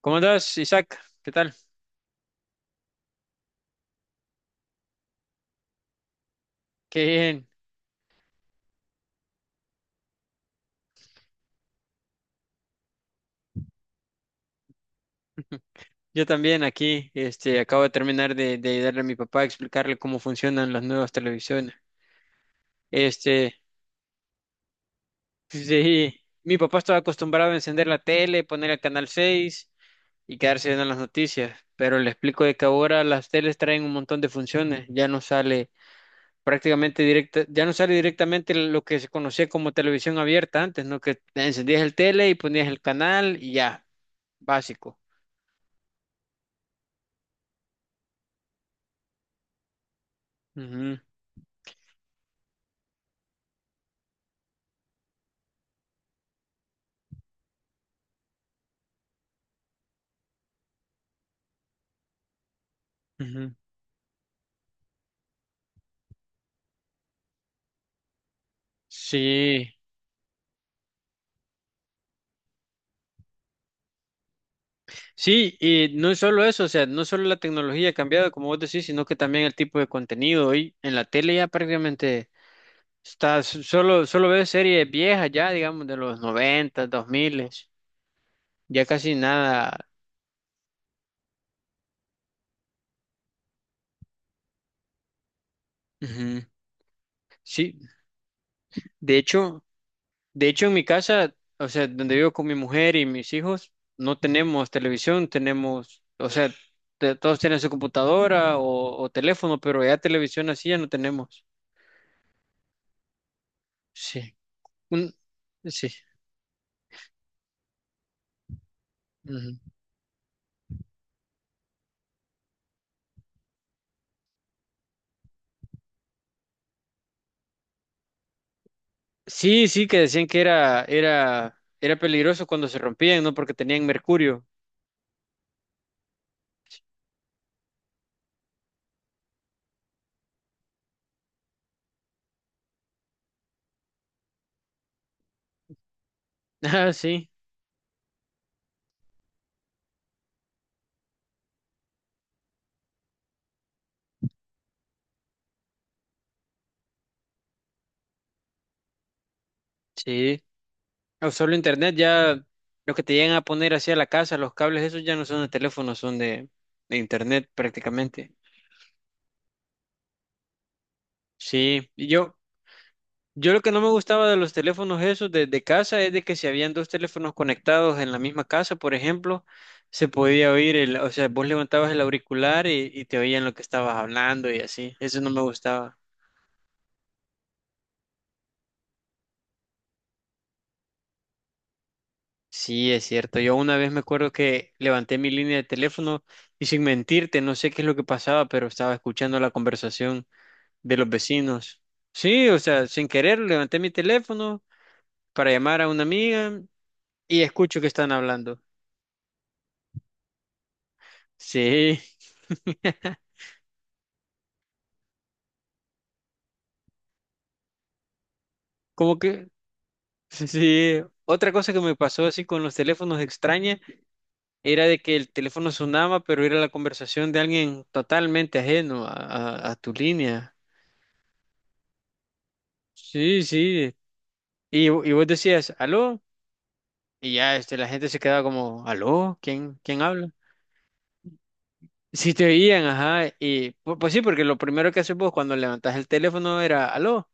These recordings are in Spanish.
¿Cómo andas, Isaac? ¿Qué tal? Qué bien. Yo también aquí, acabo de terminar de ayudarle a mi papá a explicarle cómo funcionan las nuevas televisiones. Este, pues, sí, mi papá estaba acostumbrado a encender la tele, poner el canal 6 y quedarse viendo las noticias, pero le explico de que ahora las teles traen un montón de funciones, ya no sale prácticamente directa, ya no sale directamente lo que se conocía como televisión abierta antes, ¿no? Que encendías el tele y ponías el canal y ya, básico. Ujú, ujú. Sí, sí, y no es solo eso, o sea, no solo la tecnología ha cambiado, como vos decís, sino que también el tipo de contenido. Hoy en la tele ya prácticamente solo ves series viejas ya, digamos, de los 90 dos 2000, ya casi nada. Ujú. Sí, de hecho, en mi casa, o sea, donde vivo con mi mujer y mis hijos, no tenemos televisión, tenemos, o sea, todos tienen su computadora o teléfono, pero ya televisión así ya no tenemos. Sí. Un, sí. Ujú. Sí, sí, que decían que era peligroso cuando se rompían, ¿no? Porque tenían mercurio. Ah, sí, sí. O solo internet, ya lo que te llegan a poner hacia la casa, los cables, esos ya no son de teléfono, son de internet prácticamente. Sí, yo lo que no me gustaba de los teléfonos esos de casa es de que si habían dos teléfonos conectados en la misma casa, por ejemplo, se podía oír el, o sea, vos levantabas el auricular y te oían lo que estabas hablando y así. Eso no me gustaba. Sí, es cierto. Yo una vez me acuerdo que levanté mi línea de teléfono y sin mentirte, no sé qué es lo que pasaba, pero estaba escuchando la conversación de los vecinos. Sí, o sea, sin querer levanté mi teléfono para llamar a una amiga y escucho que están hablando. Sí. Como que, sí, sí, otra cosa que me pasó así con los teléfonos extraña era de que el teléfono sonaba, pero era la conversación de alguien totalmente ajeno a tu línea. Sí, sí. Y y, vos decías, aló, y ya la gente se quedaba como, aló, ¿ quién habla? Si te oían, ajá, y pues sí, porque lo primero que haces vos cuando levantás el teléfono era, aló.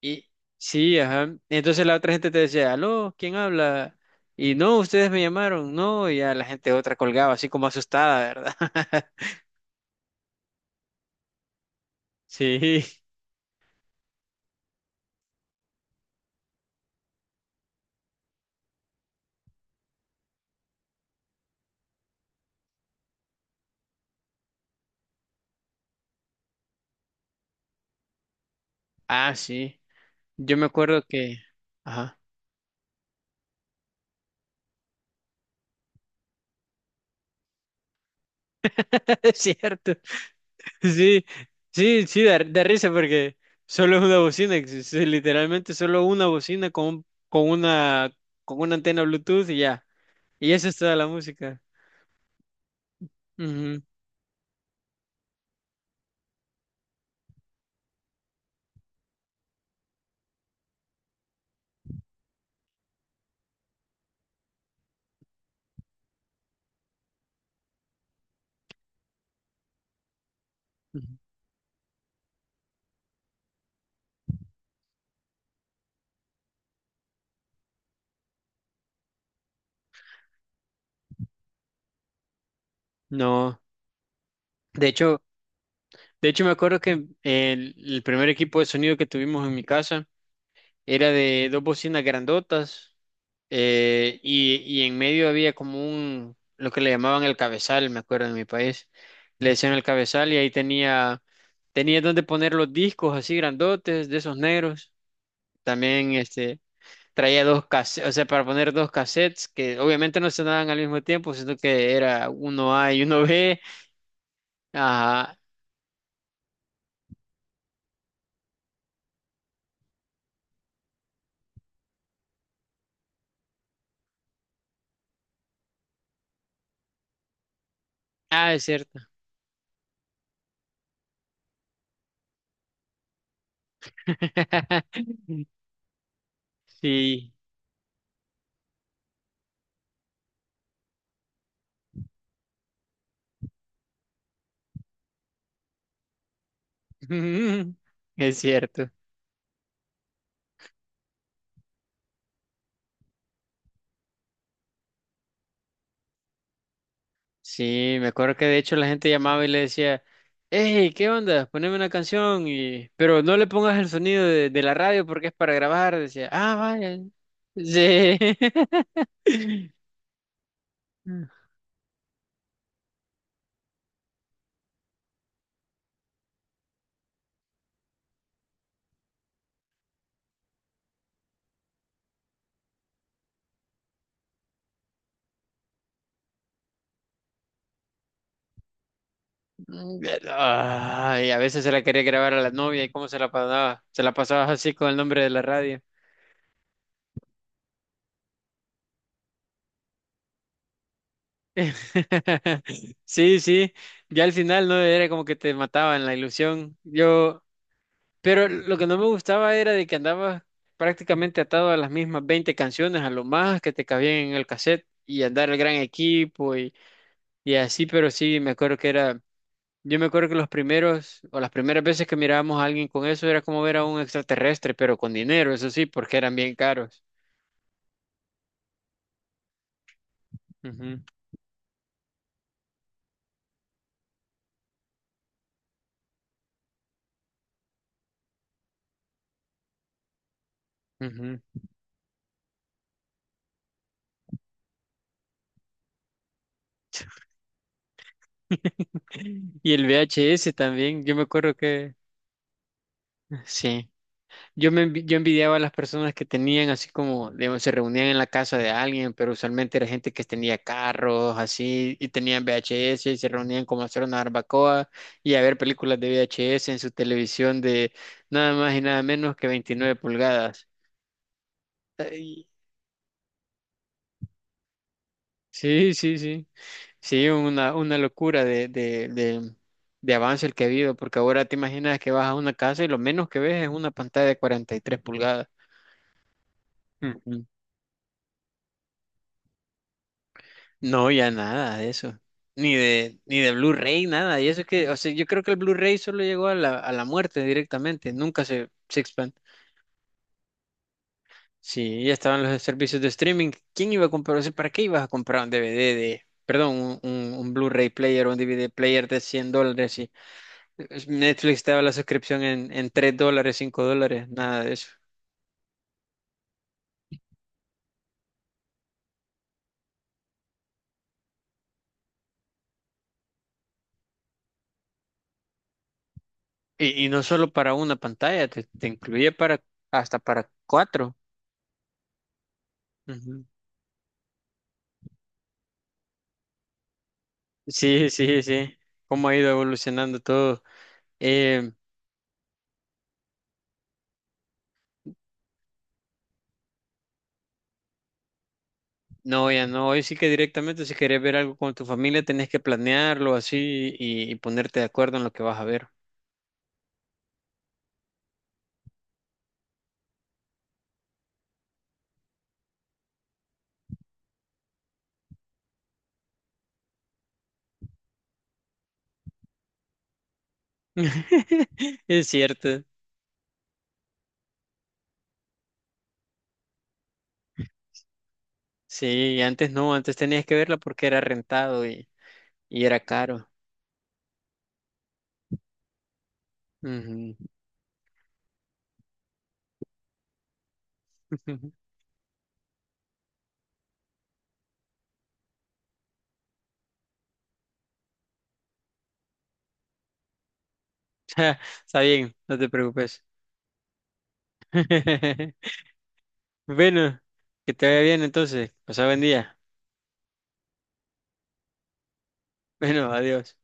Y sí, ajá. Entonces la otra gente te decía, aló, ¿quién habla? Y no, ustedes me llamaron, no, y ya la gente otra colgaba, así como asustada, ¿verdad? Sí, ah, sí. Yo me acuerdo que, ajá, es cierto. Sí, sí, sí, da risa porque solo es una bocina, es literalmente solo una bocina con una antena Bluetooth y ya. Y eso es toda la música. Ujú, ujú. No, de hecho. De hecho, me acuerdo que el primer equipo de sonido que tuvimos en mi casa era de dos bocinas grandotas y en medio había como un, lo que le llamaban el cabezal, me acuerdo en mi país. Le decían el cabezal y ahí tenía donde poner los discos así grandotes de esos negros. También traía dos cassettes, o sea, para poner dos cassettes que obviamente no sonaban al mismo tiempo, sino que era uno A y uno B. Ajá. Ah, es cierto. Sí, es cierto. Sí, me acuerdo que de hecho la gente llamaba y le decía, hey, ¿qué onda? Poneme una canción, y... pero no le pongas el sonido de la radio porque es para grabar. Decía, ah, vaya. Sí. Ay, a veces se la quería grabar a la novia y cómo se la pasaba. Se la pasaba así con el nombre de la radio. Sí, sí, ya al final no era como que te mataba en la ilusión. Pero lo que no me gustaba era de que andabas prácticamente atado a las mismas 20 canciones, a lo más que te cabían en el cassette y andar el gran equipo y así, pero sí, me acuerdo que era, yo me acuerdo que los primeros o las primeras veces que mirábamos a alguien con eso era como ver a un extraterrestre, pero con dinero, eso sí, porque eran bien caros. Ujú, ujú. Y el VHS también, yo me acuerdo que sí. Yo envidiaba a las personas que tenían así como, digamos, se reunían en la casa de alguien, pero usualmente era gente que tenía carros así y tenían VHS y se reunían como a hacer una barbacoa y a ver películas de VHS en su televisión de nada más y nada menos que 29 pulgadas. Ay, sí, sí, sí. Sí, una locura de avance el que ha habido, porque ahora te imaginas que vas a una casa y lo menos que ves es una pantalla de 43 pulgadas. No, ya nada de eso. Ni de, ni de Blu-ray, nada. Y eso es que, o sea, yo creo que el Blu-ray solo llegó a a la muerte directamente. Nunca se expand-. Sí, ya estaban los servicios de streaming. ¿Quién iba a comprar? O sea, ¿para qué ibas a comprar un DVD de, perdón, un Blu-ray player o un DVD player de $100? Y Netflix te daba la suscripción en $3, $5, nada de eso. Y y, no solo para una pantalla, te incluye para, hasta para cuatro. Sí, sí, sí. Cómo ha ido evolucionando todo. Eh, no, ya no. Hoy sí que directamente, si querés ver algo con tu familia, tenés que planearlo así y ponerte de acuerdo en lo que vas a ver. Es cierto. Sí, antes no, antes tenías que verla porque era rentado y era caro. Ujú. Ja, está bien, no te preocupes. Bueno, que te vaya bien entonces. Pasá buen día. Bueno, adiós.